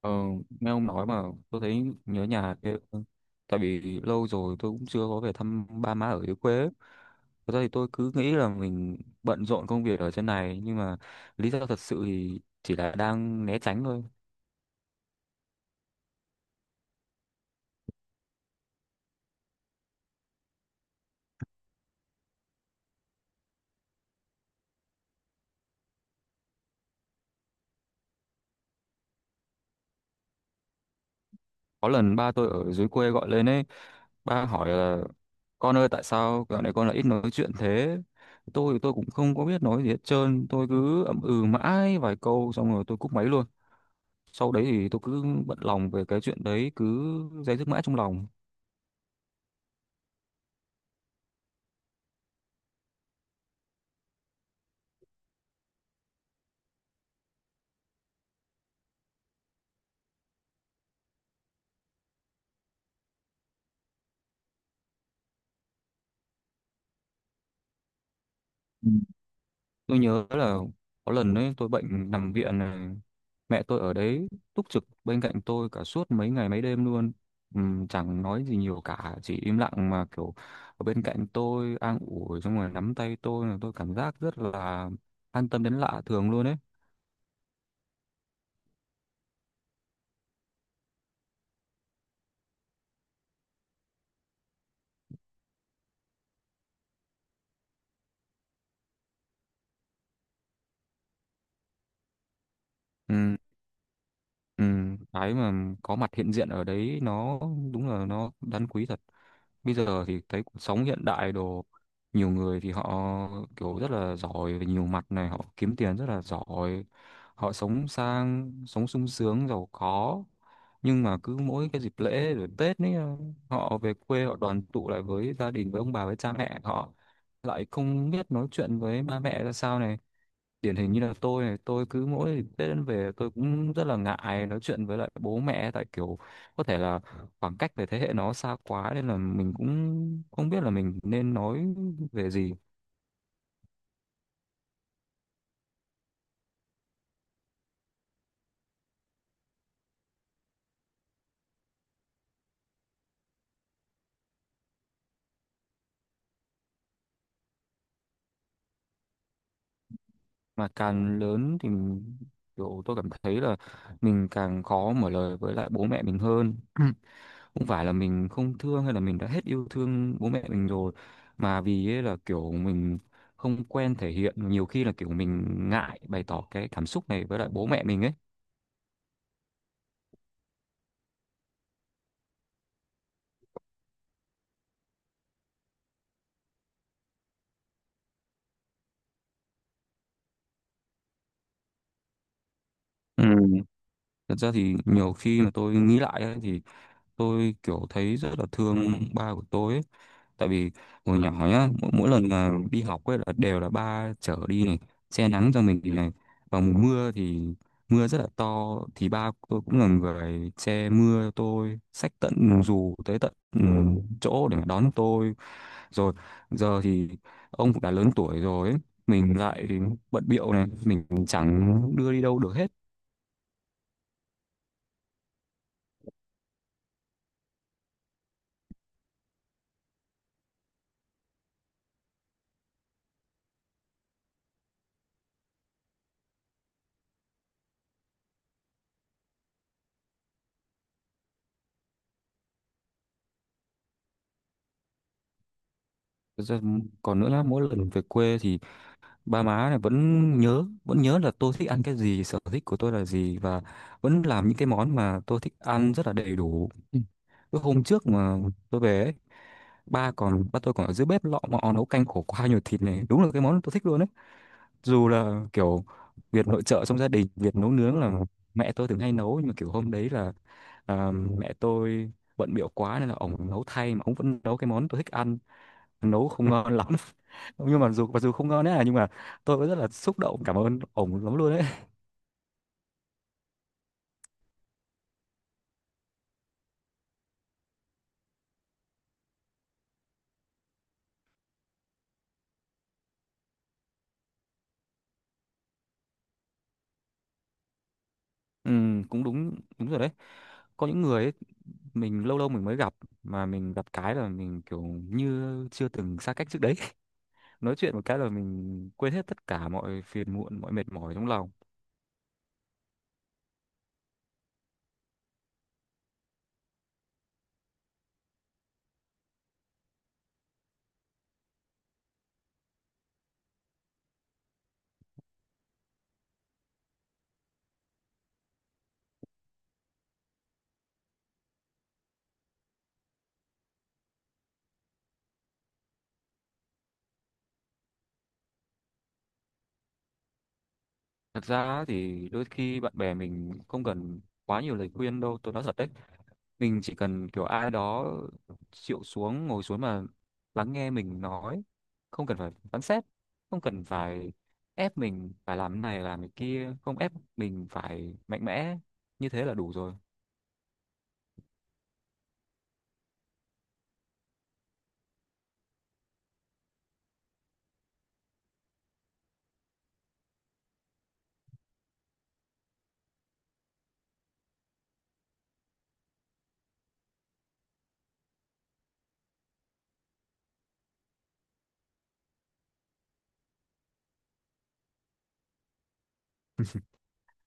Ờ, nghe ông nói mà tôi thấy nhớ nhà ghê. Tại vì lâu rồi tôi cũng chưa có về thăm ba má ở dưới quê ấy. Thật ra thì tôi cứ nghĩ là mình bận rộn công việc ở trên này, nhưng mà lý do thật sự thì chỉ là đang né tránh thôi. Có lần ba tôi ở dưới quê gọi lên ấy, ba hỏi là con ơi tại sao dạo này con lại ít nói chuyện thế? Tôi cũng không có biết nói gì hết trơn, tôi cứ ậm ừ mãi vài câu xong rồi tôi cúp máy luôn. Sau đấy thì tôi cứ bận lòng về cái chuyện đấy, cứ day dứt mãi trong lòng. Ừ. Tôi nhớ là có lần ấy tôi bệnh nằm viện này, mẹ tôi ở đấy túc trực bên cạnh tôi cả suốt mấy ngày mấy đêm luôn. Chẳng nói gì nhiều cả, chỉ im lặng mà kiểu ở bên cạnh tôi an ủi xong rồi nắm tay tôi, là tôi cảm giác rất là an tâm đến lạ thường luôn ấy. Ừm, cái mà có mặt hiện diện ở đấy nó đúng là nó đáng quý thật. Bây giờ thì thấy cuộc sống hiện đại đồ, nhiều người thì họ kiểu rất là giỏi về nhiều mặt này, họ kiếm tiền rất là giỏi, họ sống sang, sống sung sướng giàu có, nhưng mà cứ mỗi cái dịp lễ rồi Tết ấy, họ về quê họ đoàn tụ lại với gia đình, với ông bà, với cha mẹ, họ lại không biết nói chuyện với ba mẹ ra sao này. Điển hình như là tôi này, tôi cứ mỗi Tết đến về tôi cũng rất là ngại nói chuyện với lại bố mẹ, tại kiểu có thể là khoảng cách về thế hệ nó xa quá nên là mình cũng không biết là mình nên nói về gì. Mà càng lớn thì mình- kiểu tôi cảm thấy là mình càng khó mở lời với lại bố mẹ mình hơn. Không phải là mình không thương hay là mình đã hết yêu thương bố mẹ mình rồi, mà vì ấy là kiểu mình không quen thể hiện, nhiều khi là kiểu mình ngại bày tỏ cái cảm xúc này với lại bố mẹ mình ấy. Ừ, thật ra thì nhiều khi mà tôi nghĩ lại ấy, thì tôi kiểu thấy rất là thương ba của tôi ấy. Tại vì hồi nhỏ nhá, mỗi lần mà đi học ấy là đều là ba chở đi này, che nắng cho mình thì này. Vào mùa mưa thì mưa rất là to, thì ba của tôi cũng là người che mưa cho tôi, xách tận dù tới tận chỗ để mà đón tôi. Rồi giờ thì ông cũng đã lớn tuổi rồi ấy. Mình lại bận bịu này, mình chẳng đưa đi đâu được hết. Còn nữa là mỗi lần về quê thì ba má này vẫn vẫn nhớ là tôi thích ăn cái gì, sở thích của tôi là gì, và vẫn làm những cái món mà tôi thích ăn rất là đầy đủ. Ừ. Cái hôm trước mà tôi về ấy, ba tôi còn ở dưới bếp lọ mọ nấu canh khổ qua nhiều thịt này, đúng là cái món tôi thích luôn đấy. Dù là kiểu việc nội trợ trong gia đình, việc nấu nướng là mẹ tôi thường hay nấu, nhưng mà kiểu hôm đấy là, mẹ tôi bận bịu quá nên là ổng nấu thay, mà ổng vẫn nấu cái món tôi thích ăn. Nấu không ngon lắm nhưng mà dù mặc dù không ngon đấy à, nhưng mà tôi vẫn rất là xúc động, cảm ơn ổng lắm luôn đấy. Ừ, cũng đúng, đúng rồi đấy. Có những người ấy, mình lâu lâu mình mới gặp, mà mình gặp cái là mình kiểu như chưa từng xa cách trước đấy. Nói chuyện một cái là mình quên hết tất cả mọi phiền muộn, mọi mệt mỏi trong lòng. Thật ra thì đôi khi bạn bè mình không cần quá nhiều lời khuyên đâu, tôi nói thật đấy. Mình chỉ cần kiểu ai đó chịu xuống, ngồi xuống mà lắng nghe mình nói, không cần phải phán xét, không cần phải ép mình phải làm này làm cái kia, không ép mình phải mạnh mẽ, như thế là đủ rồi.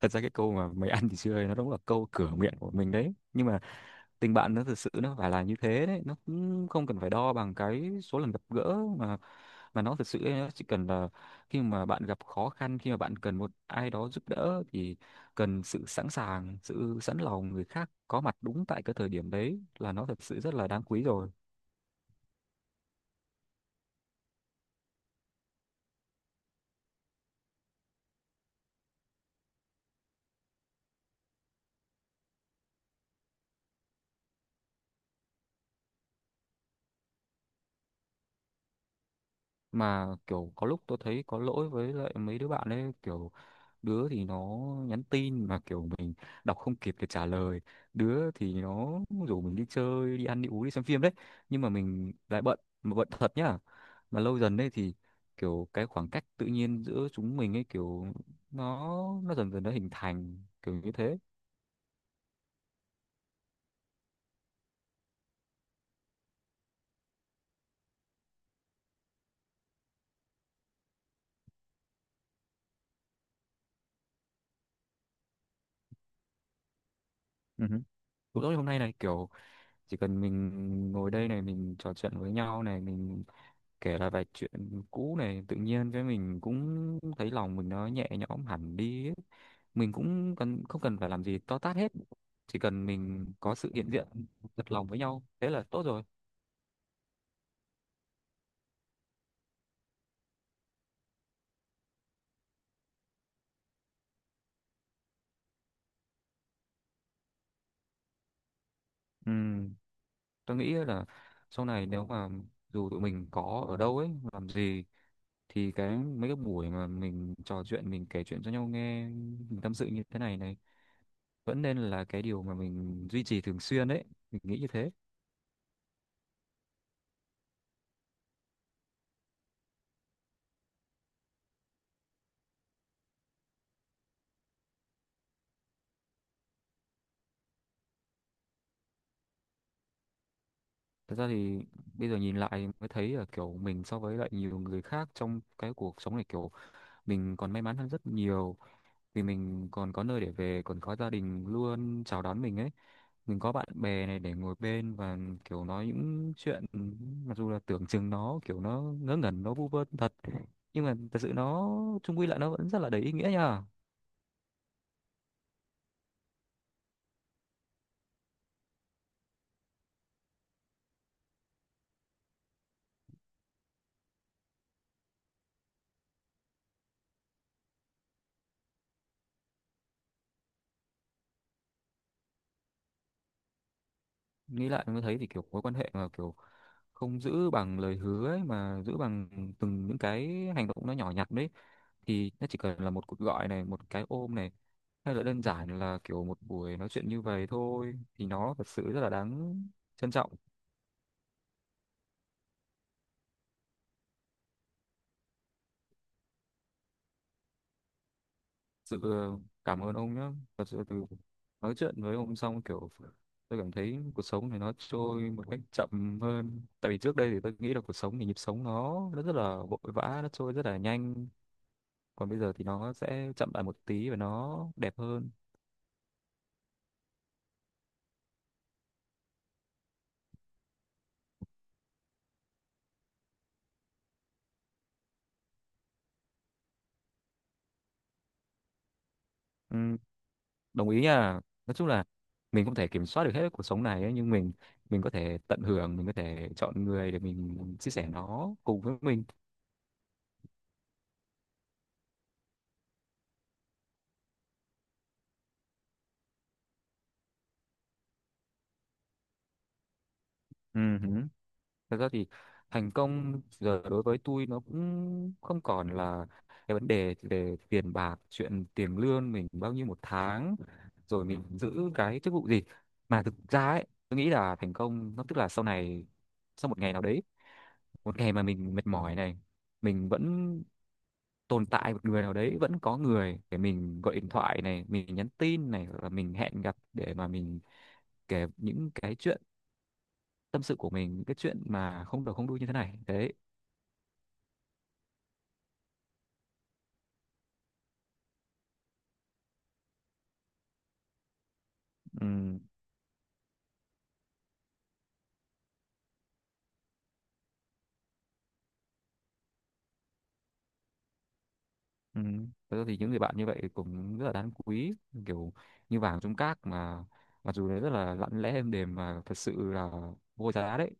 Thật ra cái câu mà mày ăn thì chưa ấy, nó đúng là câu cửa miệng của mình đấy, nhưng mà tình bạn nó thực sự nó phải là như thế đấy, nó cũng không cần phải đo bằng cái số lần gặp gỡ, mà nó thực sự ấy, nó chỉ cần là khi mà bạn gặp khó khăn, khi mà bạn cần một ai đó giúp đỡ thì cần sự sẵn sàng, sự sẵn lòng, người khác có mặt đúng tại cái thời điểm đấy, là nó thật sự rất là đáng quý rồi. Mà kiểu có lúc tôi thấy có lỗi với lại mấy đứa bạn ấy, kiểu đứa thì nó nhắn tin mà kiểu mình đọc không kịp để trả lời, đứa thì nó rủ mình đi chơi, đi ăn, đi uống, đi xem phim đấy, nhưng mà mình lại bận, mà bận thật nhá. Mà lâu dần đấy thì kiểu cái khoảng cách tự nhiên giữa chúng mình ấy, kiểu nó nó dần dần nó hình thành kiểu như thế. Ừ. Hứ. Cũng giống như hôm nay này, kiểu chỉ cần mình ngồi đây này, mình trò chuyện với nhau này, mình kể lại vài chuyện cũ này, tự nhiên cái mình cũng thấy lòng mình nó nhẹ nhõm hẳn đi ấy. Mình cũng cần không cần phải làm gì to tát hết, chỉ cần mình có sự hiện diện thật lòng với nhau, thế là tốt rồi. Ừ, tôi nghĩ là sau này nếu mà dù tụi mình có ở đâu ấy, làm gì, thì cái mấy cái buổi mà mình trò chuyện, mình kể chuyện cho nhau nghe, mình tâm sự như thế này này, vẫn nên là cái điều mà mình duy trì thường xuyên đấy, mình nghĩ như thế. Thật ra thì bây giờ nhìn lại mới thấy là kiểu mình so với lại nhiều người khác trong cái cuộc sống này, kiểu mình còn may mắn hơn rất nhiều, vì mình còn có nơi để về, còn có gia đình luôn chào đón mình ấy, mình có bạn bè này để ngồi bên, và kiểu nói những chuyện mặc dù là tưởng chừng nó kiểu nó ngớ ngẩn, nó vu vơ thật, nhưng mà thật sự nó chung quy lại nó vẫn rất là đầy ý nghĩa nha. Nghĩ lại mới thấy thì kiểu mối quan hệ mà kiểu không giữ bằng lời hứa ấy, mà giữ bằng từng những cái hành động nó nhỏ nhặt đấy, thì nó chỉ cần là một cuộc gọi này, một cái ôm này, hay là đơn giản là kiểu một buổi nói chuyện như vậy thôi, thì nó thật sự rất là đáng trân trọng. Sự cảm ơn ông nhé. Thật sự từ nói chuyện với ông xong kiểu tôi cảm thấy cuộc sống này nó trôi một cách chậm hơn, tại vì trước đây thì tôi nghĩ là cuộc sống thì nhịp sống nó rất là vội vã, nó trôi rất là nhanh, còn bây giờ thì nó sẽ chậm lại một tí và nó đẹp hơn. Ừ, đồng ý nha. Nói chung là mình không thể kiểm soát được hết cuộc sống này ấy, nhưng mình có thể tận hưởng, mình có thể chọn người để mình chia sẻ nó cùng với mình. Ừ. Hứ. Thật ra thì thành công giờ đối với tôi nó cũng không còn là cái vấn đề về tiền bạc, chuyện tiền lương mình bao nhiêu một tháng, rồi mình giữ cái chức vụ gì, mà thực ra ấy tôi nghĩ là thành công nó tức là sau này, sau một ngày nào đấy, một ngày mà mình mệt mỏi này, mình vẫn tồn tại một người nào đấy, vẫn có người để mình gọi điện thoại này, mình nhắn tin này, hoặc là mình hẹn gặp để mà mình kể những cái chuyện tâm sự của mình, những cái chuyện mà không đầu không đuôi như thế này đấy. Ừ, ừ. Thật ra thì những người bạn như vậy cũng rất là đáng quý, kiểu như vàng trong cát mà, mặc dù nó rất là lặng lẽ êm đềm, mà thật sự là vô giá đấy.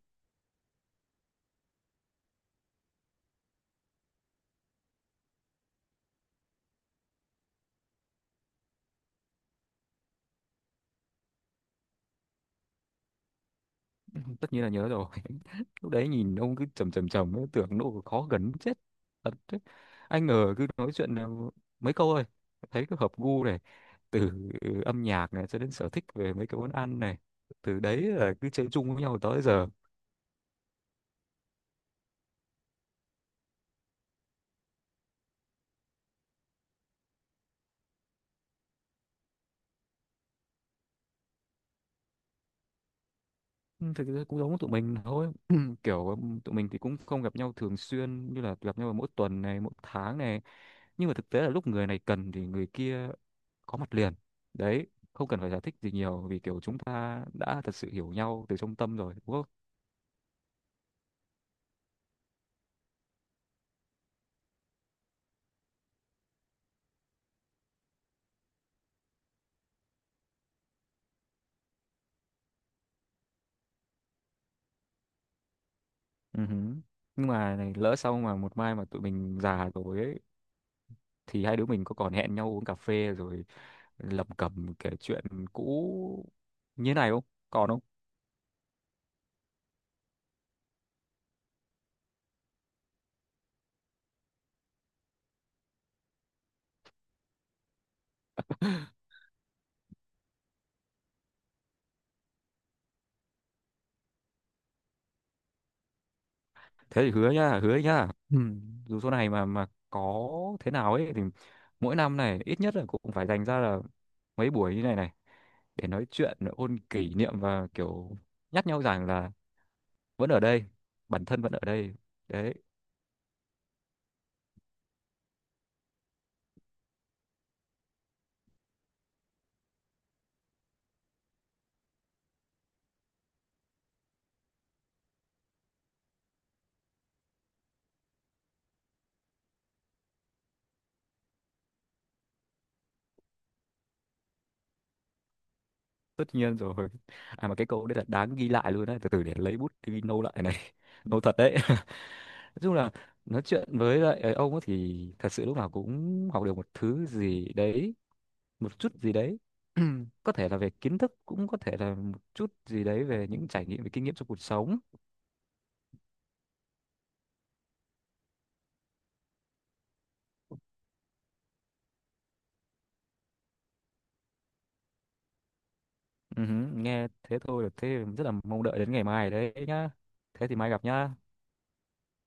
Tất nhiên là nhớ rồi. Lúc đấy nhìn ông cứ trầm trầm trầm ấy, tưởng nó khó gần muốn chết, thật đấy. Anh ở cứ nói chuyện là mấy câu thôi thấy cứ hợp gu này, từ âm nhạc này cho đến sở thích về mấy cái món ăn này, từ đấy là cứ chơi chung với nhau tới giờ. Ừ, thực ra cũng giống tụi mình thôi. Kiểu tụi mình thì cũng không gặp nhau thường xuyên, như là gặp nhau mỗi tuần này, mỗi tháng này, nhưng mà thực tế là lúc người này cần thì người kia có mặt liền đấy, không cần phải giải thích gì nhiều, vì kiểu chúng ta đã thật sự hiểu nhau từ trong tâm rồi đúng không. Ừ. Hứ. Nhưng mà này, lỡ sau mà một mai mà tụi mình già rồi ấy, thì hai đứa mình có còn hẹn nhau uống cà phê rồi lẩm cẩm kể chuyện cũ như này không, còn không? Thế thì hứa nhá, hứa nhá. Ừ. Dù số này mà có thế nào ấy, thì mỗi năm này ít nhất là cũng phải dành ra là mấy buổi như này này, để nói chuyện ôn kỷ niệm, và kiểu nhắc nhau rằng là vẫn ở đây, bản thân vẫn ở đây đấy. Tất nhiên rồi. À mà cái câu đấy là đáng ghi lại luôn đấy, từ từ để lấy bút đi nâu lại này. Nâu thật đấy. Nói chung là nói chuyện với lại ông ấy thì thật sự lúc nào cũng học được một thứ gì đấy, một chút gì đấy. Có thể là về kiến thức, cũng có thể là một chút gì đấy về những trải nghiệm, về kinh nghiệm trong cuộc sống. Ừ hứ, nghe thế thôi là thế rất là mong đợi đến ngày mai đấy nhá. Thế thì mai gặp nhá.